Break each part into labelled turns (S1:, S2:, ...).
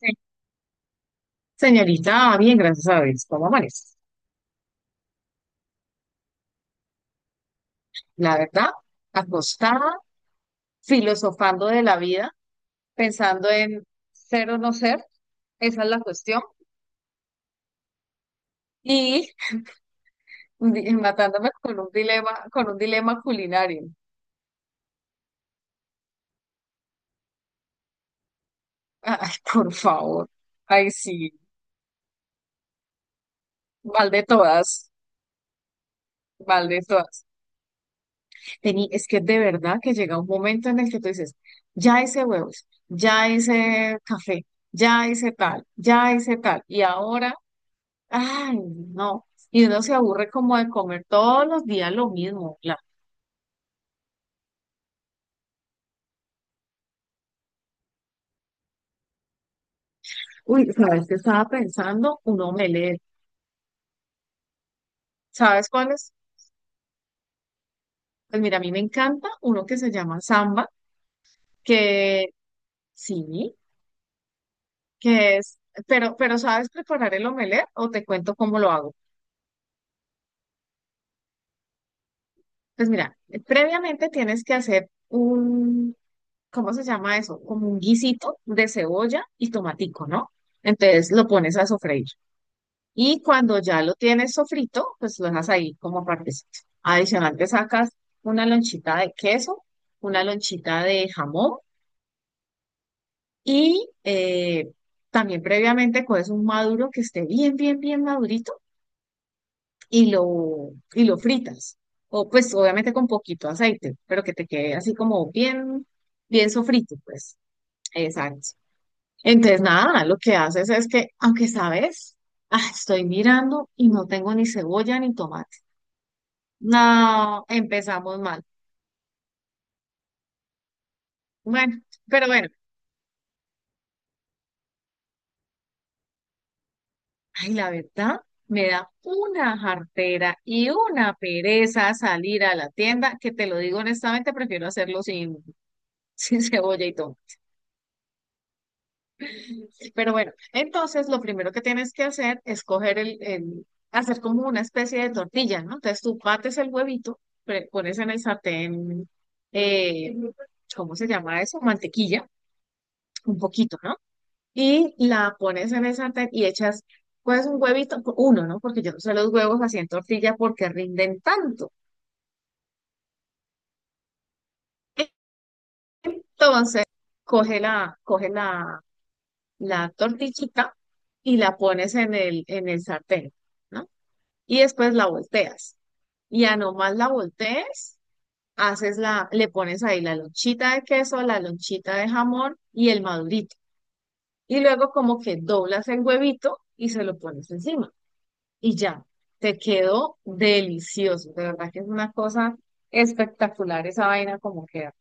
S1: Sí. Señorita, bien, gracias a Dios. ¿Cómo amanece? La verdad, acostada, filosofando de la vida, pensando en ser o no ser, esa es la cuestión, y matándome con un dilema culinario. Ay, por favor. Ay, sí, mal de todas, mal de todas. Es que de verdad que llega un momento en el que tú dices, ya hice huevos, ya hice café, ya hice tal, y ahora, ay, no. Y uno se aburre como de comer todos los días lo mismo. Claro. Uy, ¿sabes qué estaba pensando? Un omelette. ¿Sabes cuál es? Pues mira, a mí me encanta uno que se llama samba, que sí, que es, pero ¿sabes preparar el omelette o te cuento cómo lo hago? Pues mira, previamente tienes que hacer un, ¿cómo se llama eso? Como un guisito de cebolla y tomatico, ¿no? Entonces lo pones a sofreír. Y cuando ya lo tienes sofrito, pues lo dejas ahí como partecito. Adicional, te sacas una lonchita de queso, una lonchita de jamón y también previamente coges un maduro que esté bien, bien, bien madurito y lo fritas. O pues obviamente con poquito aceite, pero que te quede así como bien, bien sofrito, pues. Exacto. Entonces, nada, lo que haces es que, aunque sabes, ah, estoy mirando y no tengo ni cebolla ni tomate. No, empezamos mal. Bueno, pero bueno, ay, la verdad, me da una jartera y una pereza salir a la tienda, que te lo digo honestamente, prefiero hacerlo sin, sin cebolla y todo. Pero bueno, entonces lo primero que tienes que hacer es coger hacer como una especie de tortilla, ¿no? Entonces tú bates el huevito, pones en el sartén, eh, ¿cómo se llama eso? Mantequilla, un poquito, ¿no? Y la pones en el sartén y echas pues un huevito, uno, ¿no? Porque yo no sé los huevos así en tortilla porque rinden tanto. Entonces, coge la tortillita y la pones en el sartén, ¿no? Y después la volteas. Y a nomás la voltees, le pones ahí la lonchita de queso, la lonchita de jamón y el madurito. Y luego como que doblas el huevito y se lo pones encima. Y ya, te quedó delicioso. De verdad que es una cosa espectacular esa vaina como queda.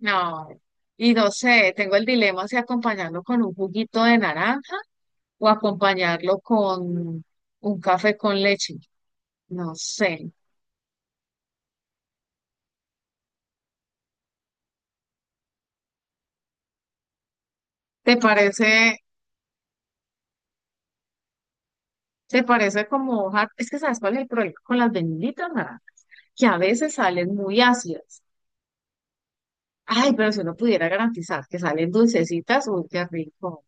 S1: No, y no sé, tengo el dilema si acompañarlo con un juguito de naranja o acompañarlo con un café con leche. No sé. ¿Te parece, ¿te parece como hoja? Es que ¿sabes cuál es el problema con las benditas naranjas? Que a veces salen muy ácidas. Ay, pero si uno pudiera garantizar que salen dulcecitas, uy, qué rico.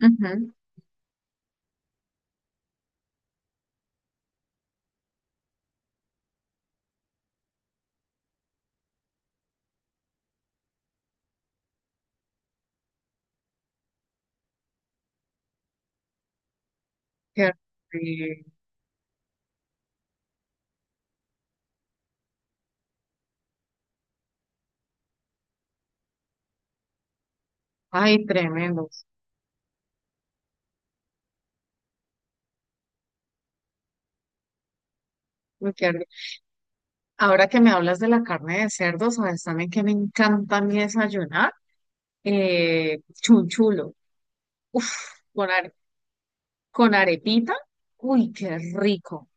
S1: Ujú, qué rico. Ay, tremendo. Uy, qué rico. Ahora que me hablas de la carne de cerdo, sabes también que me encanta a mí desayunar. Chunchulo. Uf, con, are- con arepita. Uy, qué rico.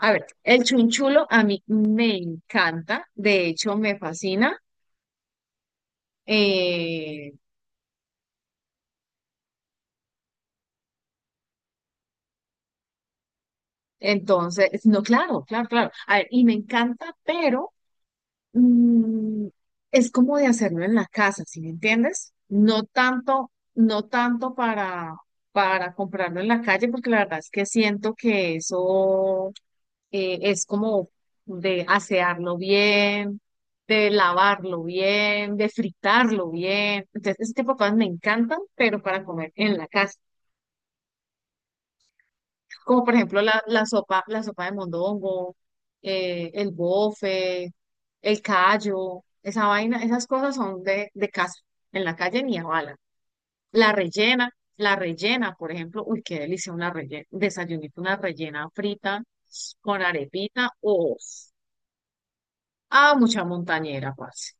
S1: A ver, el chunchulo a mí me encanta. De hecho, me fascina. Eh, entonces, no, claro, claro, claro. A ver, y me encanta, pero mm, es como de hacerlo en la casa, ¿sí me entiendes? No tanto para comprarlo en la calle, porque la verdad es que siento que eso es como de asearlo bien, de lavarlo bien, de fritarlo bien. Entonces, ese tipo de cosas me encantan, pero para comer en la casa como por ejemplo la sopa, la sopa de mondongo, el bofe, el callo, esa vaina, esas cosas son de casa, en la calle ni a bala. La rellena, la rellena por ejemplo, uy, qué delicia una rellena, desayunito, una rellena frita con arepita, o ah, mucha montañera, parce.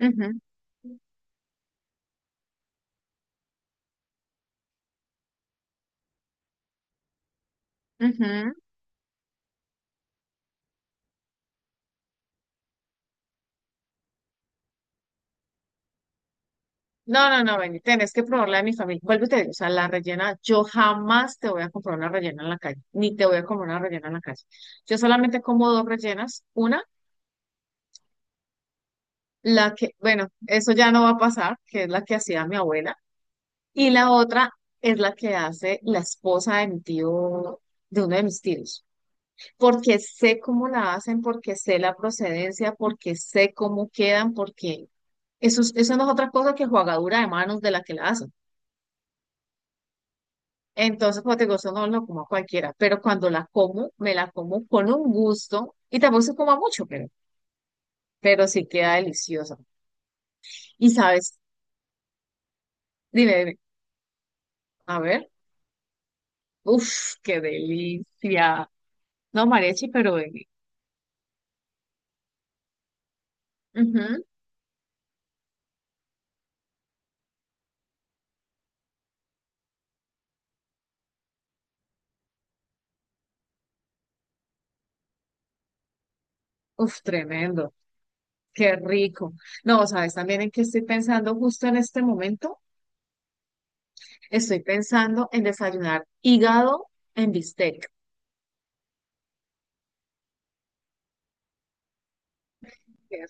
S1: Ujú, ujú. No, no, no, Benny, tenés que probar la de mi familia. Vuelvo y te digo, o sea, la rellena, yo jamás te voy a comprar una rellena en la calle, ni te voy a comer una rellena en la calle. Yo solamente como dos rellenas, una, la que, bueno, eso ya no va a pasar, que es la que hacía mi abuela, y la otra es la que hace la esposa de mi tío, de uno de mis tíos, porque sé cómo la hacen, porque sé la procedencia, porque sé cómo quedan, porque eso, eso no es otra cosa que jugadura de manos de la que la hacen. Entonces, como te digo, eso no lo como a cualquiera, pero cuando la como, me la como con un gusto y tampoco se coma mucho, pero sí queda deliciosa. Y sabes, dime, dime, a ver, uff, qué delicia. No, mariachi, pero vení. Ujú, uf, tremendo, qué rico. No, sabes también en qué estoy pensando justo en este momento. Estoy pensando en desayunar hígado en bistec. Qué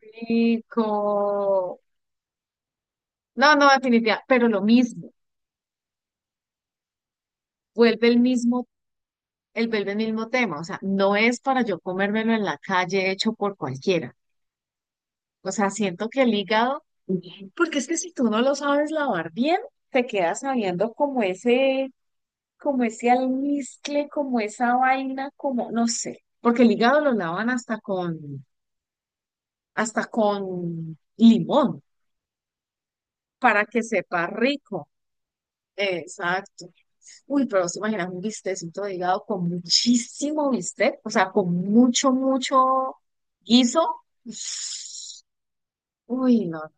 S1: rico. No, no, definitivamente, pero lo mismo vuelve el mismo vuelve el mismo tema, o sea, no es para yo comérmelo en la calle hecho por cualquiera. O sea, siento que el hígado, porque es que si tú no lo sabes lavar bien, te quedas sabiendo como ese almizcle, como esa vaina, como, no sé, porque el hígado lo lavan hasta con limón, para que sepa rico. Exacto. Uy, pero se imaginas un bistecito de hígado con muchísimo bistec, o sea, con mucho, mucho guiso. Uy, no.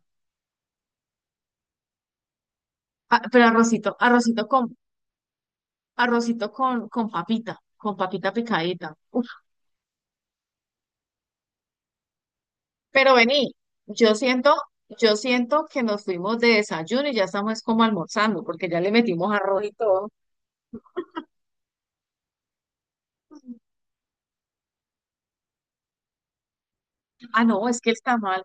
S1: Ah, pero arrocito, arrocito con papita picadita. Uf, pero vení, yo siento, yo siento que nos fuimos de desayuno y ya estamos como almorzando, porque ya le metimos arroz y todo. Ah, no, es que el tamal,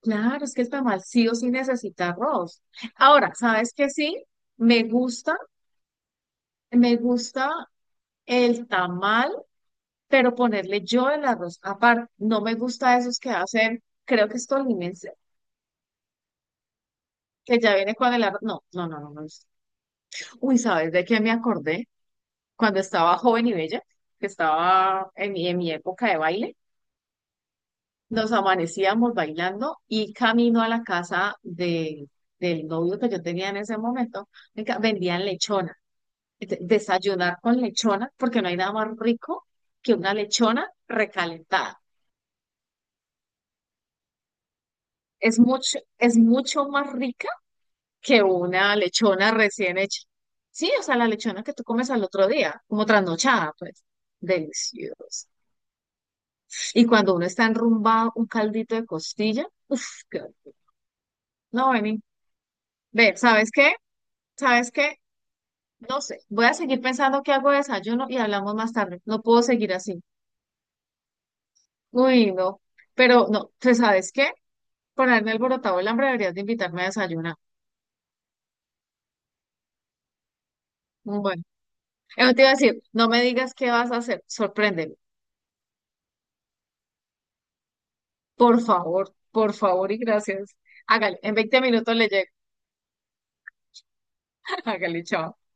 S1: claro, es que el tamal sí o sí necesita arroz. Ahora, ¿sabes qué sí? Me gusta, me gusta el tamal, pero ponerle yo el arroz. Aparte, no me gusta esos que hacen, creo que es tolimense, que ya viene con el arroz. No, no, no, no me gusta. Uy, ¿sabes de qué me acordé? Cuando estaba joven y bella, que estaba en mi época de baile, nos amanecíamos bailando y camino a la casa de, del novio que yo tenía en ese momento, venga, vendían lechona. Desayunar con lechona, porque no hay nada más rico que una lechona recalentada. Es mucho más rica que una lechona recién hecha. Sí, o sea, la lechona que tú comes al otro día, como trasnochada, pues, deliciosa. Y cuando uno está enrumbado, un caldito de costilla, uff, qué rico. No, vení. Ve, ¿sabes qué? ¿Sabes qué? No sé, voy a seguir pensando que hago de desayuno y hablamos más tarde. No puedo seguir así. Uy, no. Pero no, pues, ¿sabes qué? Por haberme alborotado el hambre, deberías de invitarme a desayunar. Mm, bueno, eso te iba a decir, no me digas qué vas a hacer, sorpréndeme. Por favor y gracias. Hágale, en 20 minutos le llego. Hágale, chao.